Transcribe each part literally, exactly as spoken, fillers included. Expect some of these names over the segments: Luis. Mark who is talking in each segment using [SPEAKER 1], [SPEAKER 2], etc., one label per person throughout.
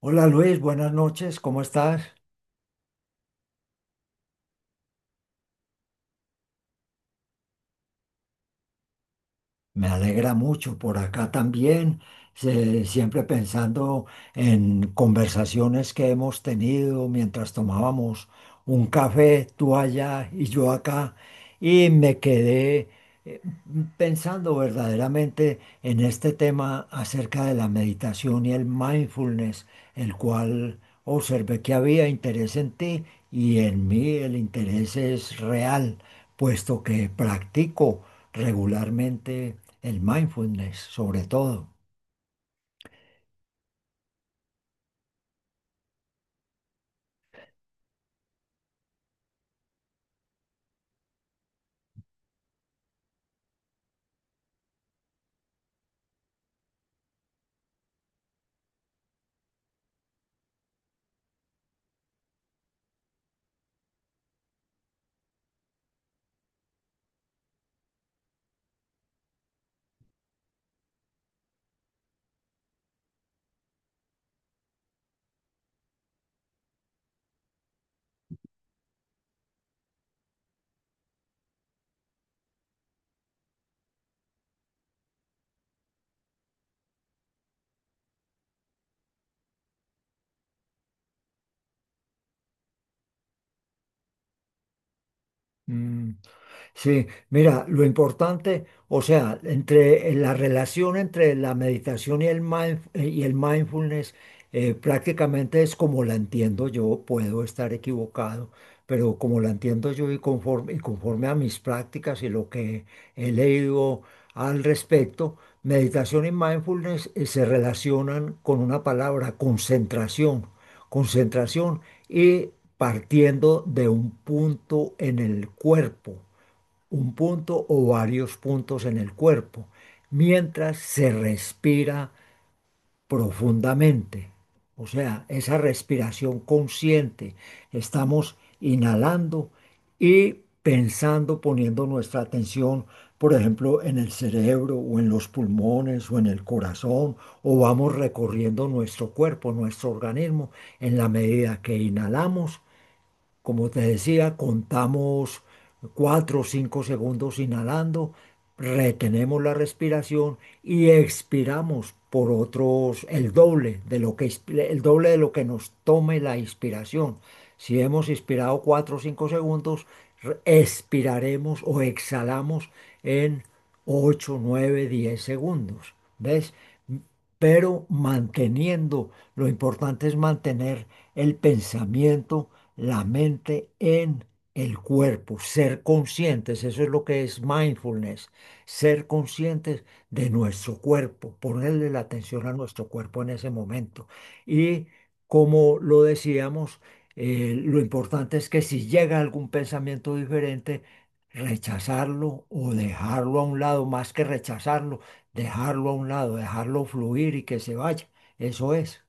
[SPEAKER 1] Hola Luis, buenas noches, ¿cómo estás? Me alegra mucho por acá también, se- siempre pensando en conversaciones que hemos tenido mientras tomábamos un café, tú allá y yo acá, y me quedé eh, pensando verdaderamente en este tema acerca de la meditación y el mindfulness, el cual observé que había interés en ti y en mí el interés es real, puesto que practico regularmente el mindfulness, sobre todo. Mm. Sí, mira, lo importante, o sea, entre la relación entre la meditación y el mindf- eh, y el mindfulness, eh, prácticamente es como la entiendo yo, puedo estar equivocado, pero como la entiendo yo y conforme, y conforme a mis prácticas y lo que he leído al respecto, meditación y mindfulness, eh, se relacionan con una palabra, concentración, concentración y partiendo de un punto en el cuerpo un punto o varios puntos en el cuerpo, mientras se respira profundamente. O sea, esa respiración consciente. Estamos inhalando y pensando, poniendo nuestra atención, por ejemplo, en el cerebro o en los pulmones o en el corazón, o vamos recorriendo nuestro cuerpo, nuestro organismo, en la medida que inhalamos como te decía, contamos cuatro o cinco segundos inhalando, retenemos la respiración y expiramos por otros el doble de lo que expi- el doble de lo que nos tome la inspiración. Si hemos inspirado cuatro o cinco segundos, re- expiraremos o exhalamos en ocho nueve diez segundos. ¿Ves? Pero manteniendo, lo importante es mantener el pensamiento, la mente en el cuerpo, ser conscientes, eso es lo que es mindfulness, ser conscientes de nuestro cuerpo, ponerle la atención a nuestro cuerpo en ese momento. Y como lo decíamos, eh, lo importante es que si llega algún pensamiento diferente, rechazarlo o dejarlo a un lado, más que rechazarlo dejarlo a un lado, dejarlo fluir y que se vaya. Eso es,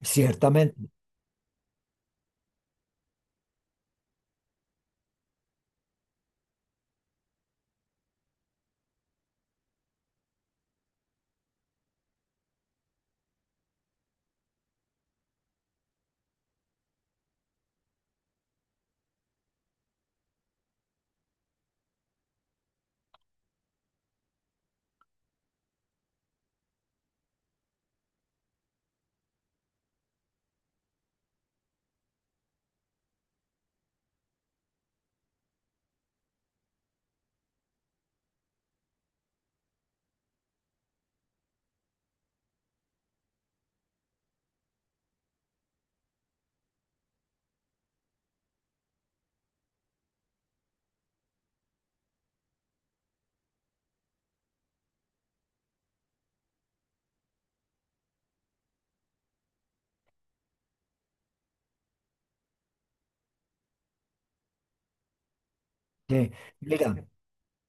[SPEAKER 1] ciertamente. Sí. Mira,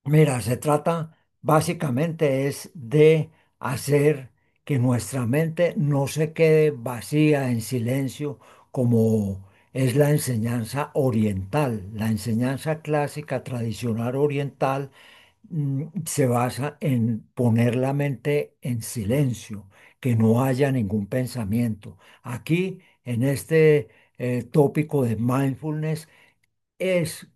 [SPEAKER 1] mira, se trata básicamente es de hacer que nuestra mente no se quede vacía en silencio como es la enseñanza oriental, la enseñanza clásica tradicional oriental mm, se basa en poner la mente en silencio, que no haya ningún pensamiento. Aquí, en este eh, tópico de mindfulness, es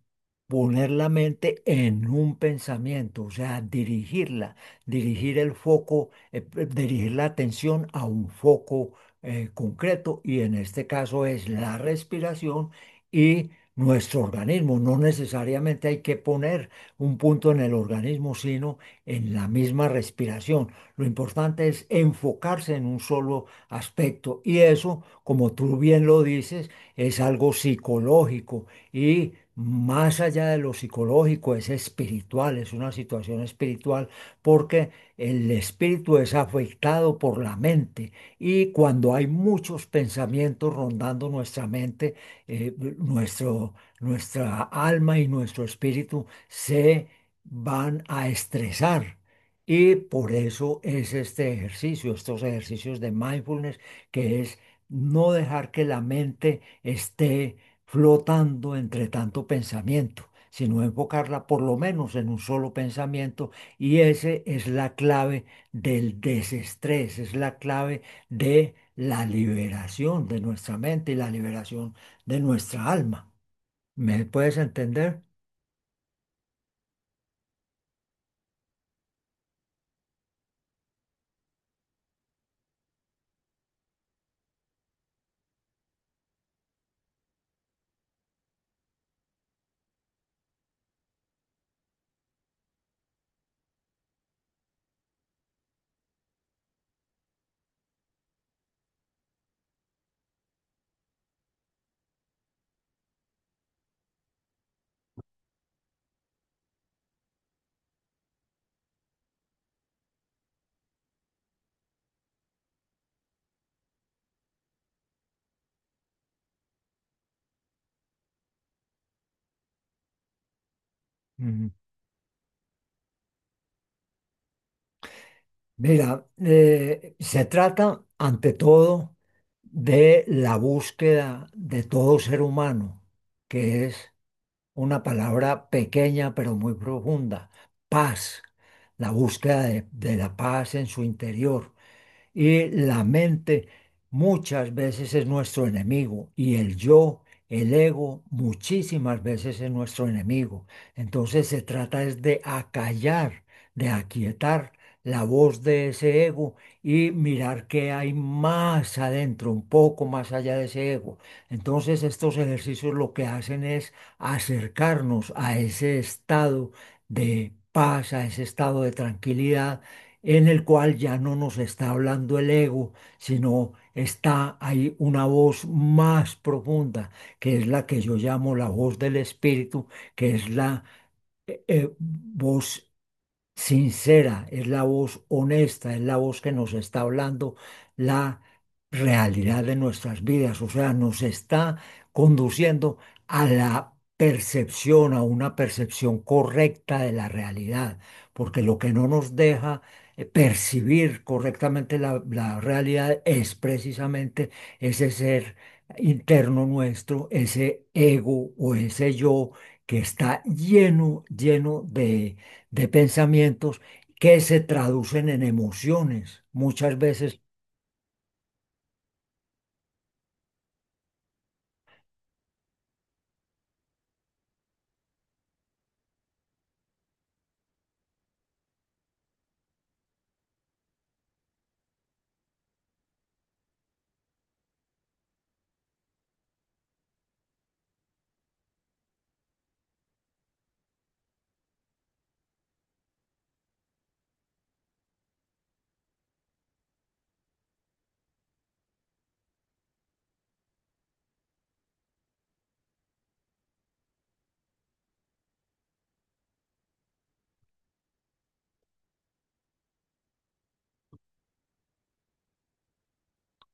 [SPEAKER 1] poner la mente en un pensamiento, o sea, dirigirla, dirigir el foco, eh, eh, dirigir la atención a un foco eh, concreto y en este caso es la respiración y nuestro organismo. No necesariamente hay que poner un punto en el organismo, sino en la misma respiración. Lo importante es enfocarse en un solo aspecto y eso, como tú bien lo dices, es algo psicológico y más allá de lo psicológico, es espiritual, es una situación espiritual, porque el espíritu es afectado por la mente. Y cuando hay muchos pensamientos rondando nuestra mente, eh, nuestro, nuestra alma y nuestro espíritu se van a estresar. Y por eso es este ejercicio, estos ejercicios de mindfulness, que es no dejar que la mente esté flotando entre tanto pensamiento, sino enfocarla por lo menos en un solo pensamiento y ese es la clave del desestrés, es la clave de la liberación de nuestra mente y la liberación de nuestra alma. ¿Me puedes entender? Mm. Mira, eh, se trata ante todo de la búsqueda de todo ser humano, que es una palabra pequeña pero muy profunda, paz, la búsqueda de, de la paz en su interior. Y la mente muchas veces es nuestro enemigo y el yo, el ego, muchísimas veces es nuestro enemigo. Entonces se trata es de acallar, de aquietar la voz de ese ego y mirar qué hay más adentro, un poco más allá de ese ego. Entonces estos ejercicios lo que hacen es acercarnos a ese estado de paz, a ese estado de tranquilidad en el cual ya no nos está hablando el ego, sino está ahí una voz más profunda, que es la que yo llamo la voz del espíritu, que es la eh, eh, voz sincera, es la voz honesta, es la voz que nos está hablando la realidad de nuestras vidas, o sea, nos está conduciendo a la percepción, a una percepción correcta de la realidad, porque lo que no nos deja eh, percibir correctamente la, la realidad es precisamente ese ser interno nuestro, ese ego o ese yo que está lleno, lleno de de pensamientos que se traducen en emociones. Muchas veces,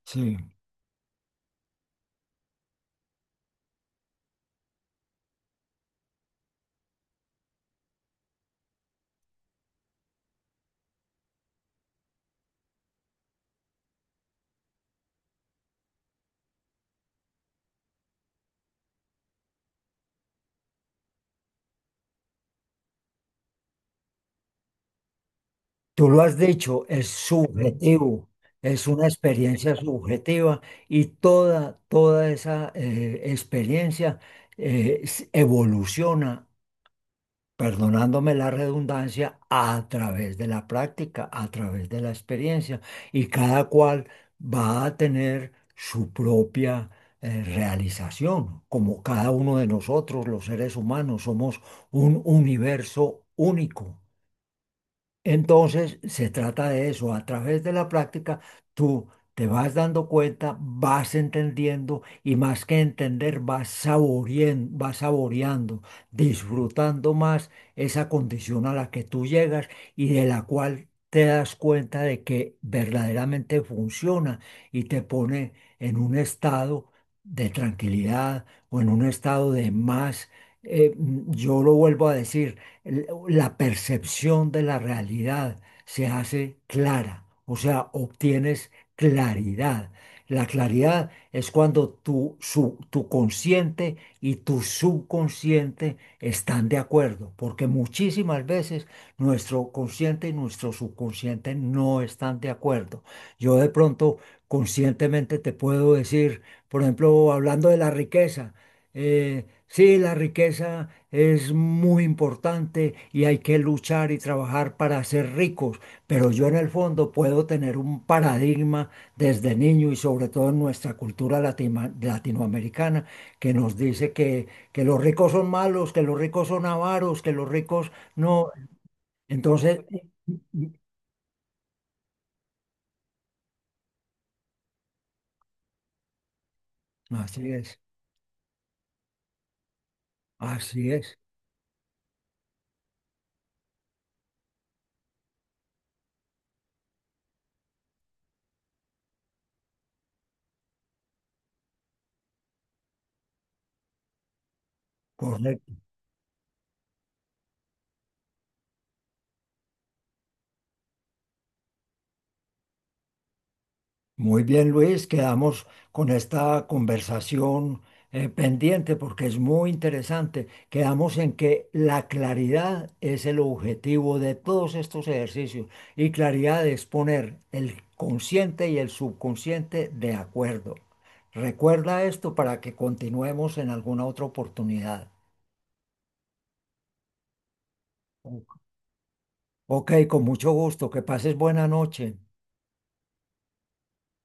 [SPEAKER 1] sí, tú lo has dicho, es subjetivo, es una experiencia subjetiva y toda, toda esa eh, experiencia eh, s- evoluciona perdonándome la redundancia, a través de la práctica, a través de la experiencia. Y cada cual va a tener su propia eh, realización, como cada uno de nosotros, los seres humanos, somos un universo único. Entonces, se trata de eso. A través de la práctica, tú te vas dando cuenta, vas entendiendo y más que entender, vas saboreando, vas saboreando, disfrutando más esa condición a la que tú llegas y de la cual te das cuenta de que verdaderamente funciona y te pone en un estado de tranquilidad o en un estado de más. Eh, mm, yo lo vuelvo a decir el- la percepción de la realidad se hace clara, o sea, obtienes claridad. La claridad es cuando tu, su- tu consciente y tu subconsciente están de acuerdo, porque muchísimas veces nuestro consciente y nuestro subconsciente no están de acuerdo. Yo de pronto conscientemente te puedo decir, por ejemplo, hablando de la riqueza, eh, sí, la riqueza es muy importante y hay que luchar y trabajar para ser ricos, pero yo en el fondo puedo tener un paradigma desde niño y sobre todo en nuestra cultura latima- latinoamericana que nos dice que, que, los ricos son malos, que los ricos son avaros, que los ricos no. Entonces, así es, así es, correcto. Muy bien, Luis, quedamos con esta conversación eh, pendiente porque es muy interesante. Quedamos en que la claridad es el objetivo de todos estos ejercicios y claridad es poner el consciente y el subconsciente de acuerdo. Recuerda esto para que continuemos en alguna otra oportunidad. Ok, con mucho gusto. Que pases buena noche.